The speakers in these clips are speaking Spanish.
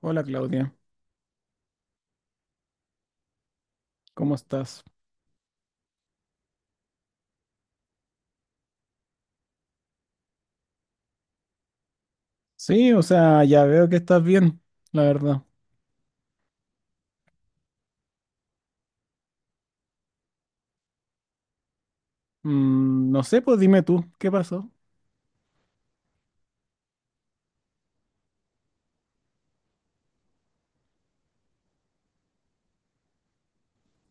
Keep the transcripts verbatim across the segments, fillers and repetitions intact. Hola Claudia, ¿cómo estás? Sí, o sea, ya veo que estás bien, la verdad. Mm, no sé, pues dime tú, ¿qué pasó?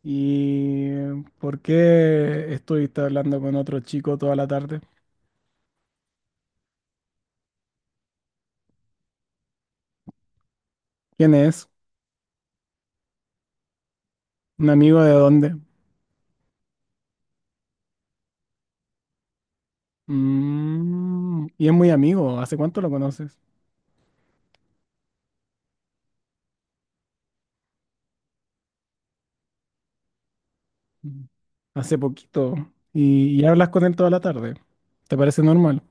¿Y por qué estuviste hablando con otro chico toda la tarde? ¿Quién es? ¿Un amigo de dónde? Mm, y es muy amigo, ¿hace cuánto lo conoces? Mm. Hace poquito. ¿Y, y hablas con él toda la tarde? ¿Te parece normal?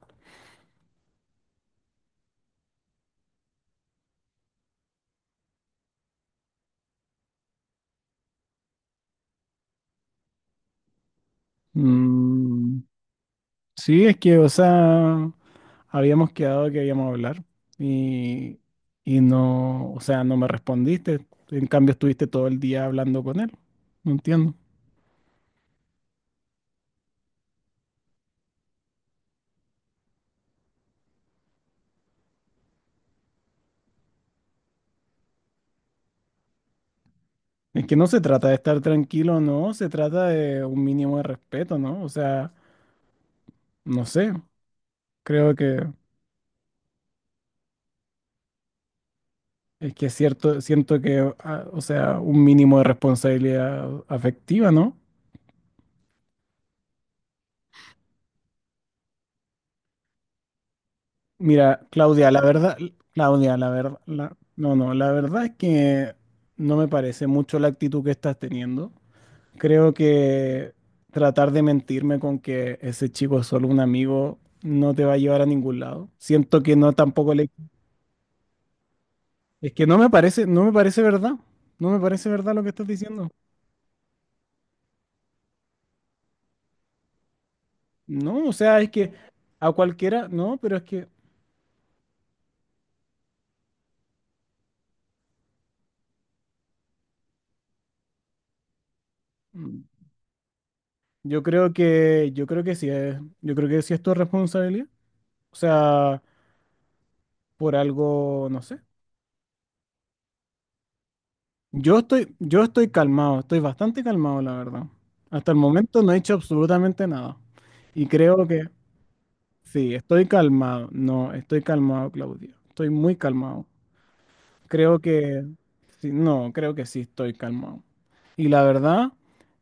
Mm, Sí, es que, o sea, habíamos quedado que íbamos a hablar y, y no, o sea, no me respondiste. En cambio, estuviste todo el día hablando con él. No entiendo. Es que no se trata de estar tranquilo, no, se trata de un mínimo de respeto, ¿no? O sea, no sé, creo que es que es cierto, siento que, ah, o sea, un mínimo de responsabilidad afectiva, ¿no? Mira, Claudia, la verdad, Claudia, la verdad, la- no, no, la verdad es que no me parece mucho la actitud que estás teniendo. Creo que tratar de mentirme con que ese chico es solo un amigo no te va a llevar a ningún lado. Siento que no tampoco le. Es que no me parece, no me parece verdad. No me parece verdad lo que estás diciendo. No, o sea, es que a cualquiera, no, pero es que mm, yo creo que, yo creo que sí es, yo creo que sí es tu responsabilidad. O sea, por algo, no sé. Yo estoy, yo estoy calmado, estoy bastante calmado, la verdad. Hasta el momento no he hecho absolutamente nada. Y creo que sí, estoy calmado. No, estoy calmado, Claudio. Estoy muy calmado. Creo que sí, no, creo que sí estoy calmado. Y la verdad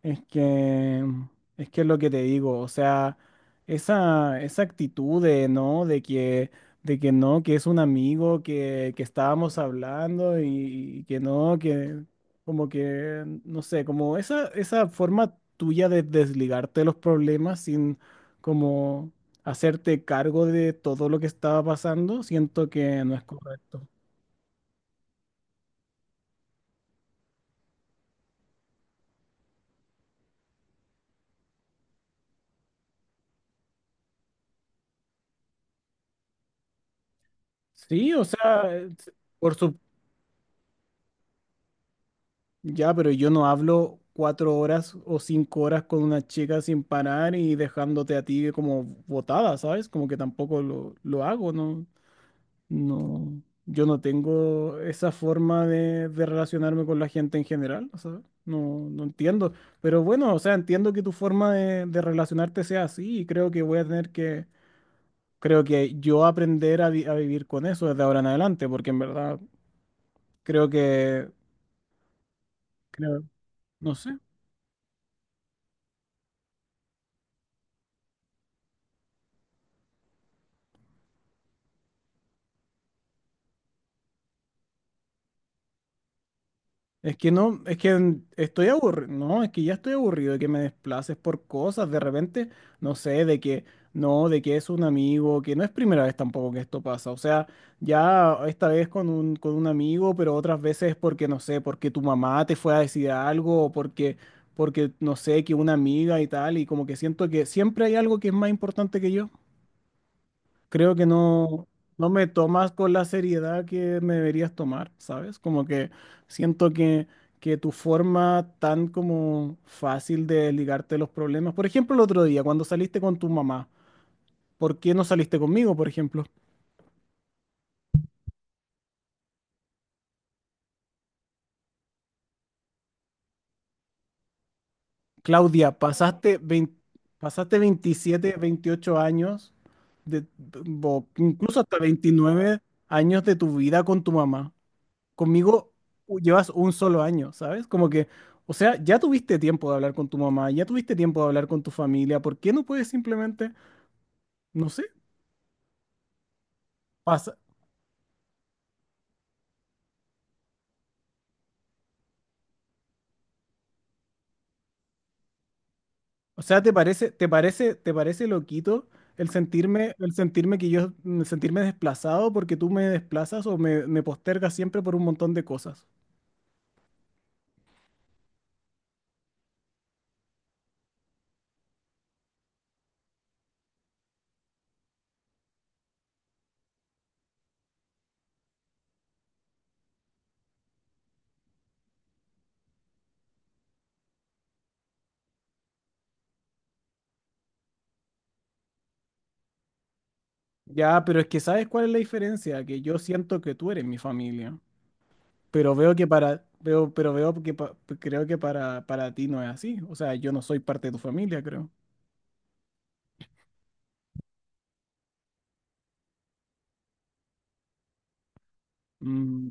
es que es que es lo que te digo, o sea, esa, esa actitud de no, de que, de que no, que es un amigo, que, que estábamos hablando y, y que no, que como que, no sé, como esa, esa forma tuya de desligarte de los problemas sin como hacerte cargo de todo lo que estaba pasando, siento que no es correcto. Sí, o sea, es- por su. Ya, pero yo no hablo cuatro horas o cinco horas con una chica sin parar y dejándote a ti como botada, ¿sabes? Como que tampoco lo, lo hago, ¿no? No, yo no tengo esa forma de, de relacionarme con la gente en general, o sea, no, no entiendo. Pero bueno, o sea, entiendo que tu forma de, de relacionarte sea así y creo que voy a tener que, creo que yo aprender a, vi- a vivir con eso desde ahora en adelante, porque en verdad creo que. Creo. No sé. Es que no, es que estoy aburrido. No, es que ya estoy aburrido de que me desplaces por cosas. De repente, no sé, de que no, de que es un amigo, que no es primera vez tampoco que esto pasa. O sea, ya esta vez con un, con un amigo, pero otras veces porque, no sé, porque tu mamá te fue a decir algo, o porque, porque, no sé, que una amiga y tal, y como que siento que siempre hay algo que es más importante que yo. Creo que no, no me tomas con la seriedad que me deberías tomar, ¿sabes? Como que siento que, que tu forma tan como fácil de ligarte a los problemas. Por ejemplo, el otro día, cuando saliste con tu mamá, ¿por qué no saliste conmigo, por ejemplo? Claudia, pasaste veinte pasaste veintisiete veintiocho años, de, o incluso hasta veintinueve años de tu vida con tu mamá. Conmigo u- llevas un solo año, ¿sabes? Como que, o sea, ya tuviste tiempo de hablar con tu mamá, ya tuviste tiempo de hablar con tu familia, ¿por qué no puedes simplemente, no sé, pasa? O sea, ¿te parece, te parece, te parece loquito el sentirme, el sentirme que yo, el sentirme desplazado porque tú me desplazas o me, me postergas siempre por un montón de cosas? Ya, pero es que ¿sabes cuál es la diferencia? Que yo siento que tú eres mi familia. Pero veo que para, veo, pero veo que pa- creo que para, para ti no es así. O sea, yo no soy parte de tu familia, creo. Mm,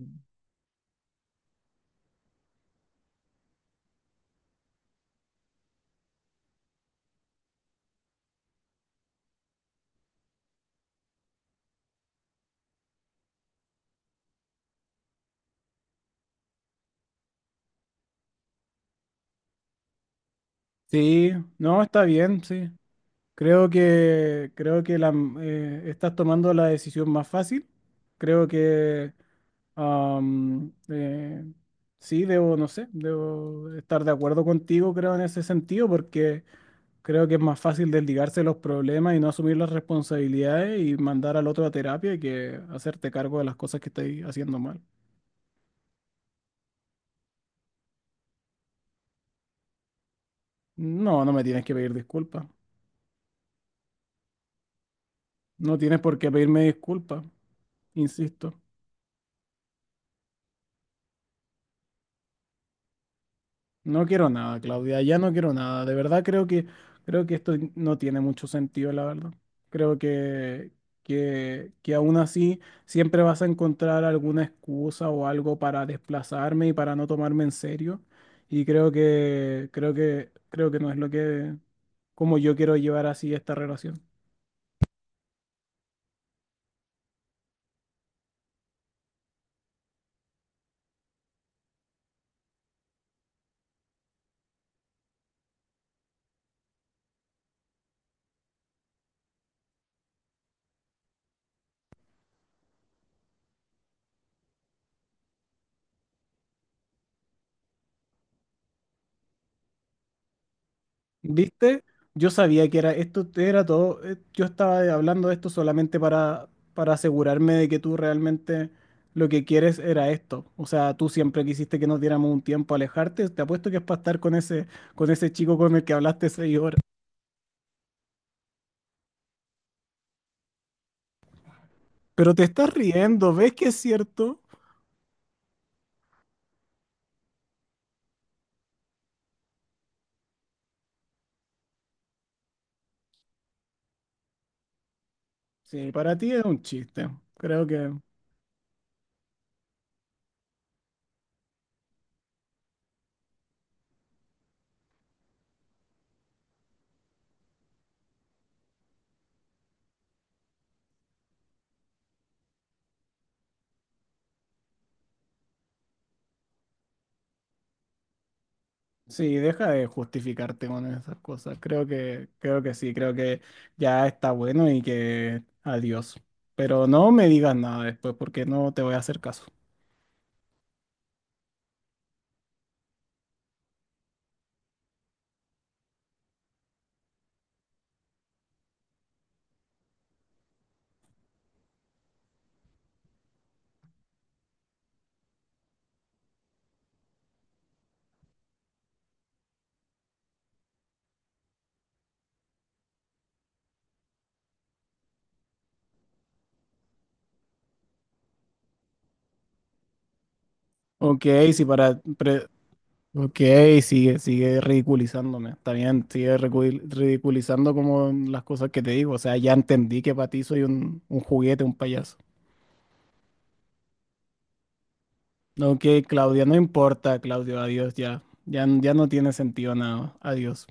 sí, no, está bien, sí. Creo que, creo que la, eh, estás tomando la decisión más fácil. Creo que am, eh, sí, debo, no sé, debo estar de acuerdo contigo, creo, en ese sentido, porque Creo que es más fácil desligarse de los problemas y no asumir las responsabilidades y mandar al otro a terapia que hacerte cargo de las cosas que estáis haciendo mal. No, no me tienes que pedir disculpas. No tienes por qué pedirme disculpas, insisto. No quiero nada, Claudia, ya no quiero nada. De verdad creo que creo que esto no tiene mucho sentido, la verdad. Creo que, que, que aún así siempre vas a encontrar alguna excusa o algo para desplazarme y para no tomarme en serio. Y creo que creo que creo que no es lo que como yo quiero llevar así esta relación. ¿Viste? Yo sabía que era esto era todo. eh, Yo estaba hablando de esto solamente para, para asegurarme de que tú realmente lo que quieres era esto. O sea, tú siempre quisiste que nos diéramos un tiempo a alejarte. Te apuesto que es para estar con ese, con ese chico con el que hablaste seis horas. Pero te estás riendo, ¿ves que es cierto? Sí, para ti es un chiste. Creo que. Sí, deja de justificarte con esas cosas. Creo que, creo que sí, creo que ya está bueno y que adiós. Pero no me digas nada después porque no te voy a hacer caso. Ok, sí, para... pre- ok, sigue, sigue ridiculizándome. Está bien, sigue recul- ridiculizando como las cosas que te digo. O sea, ya entendí que para ti soy un, un juguete, un payaso. Ok, Claudia, no importa, Claudio, adiós ya. Ya, ya no tiene sentido nada. Adiós.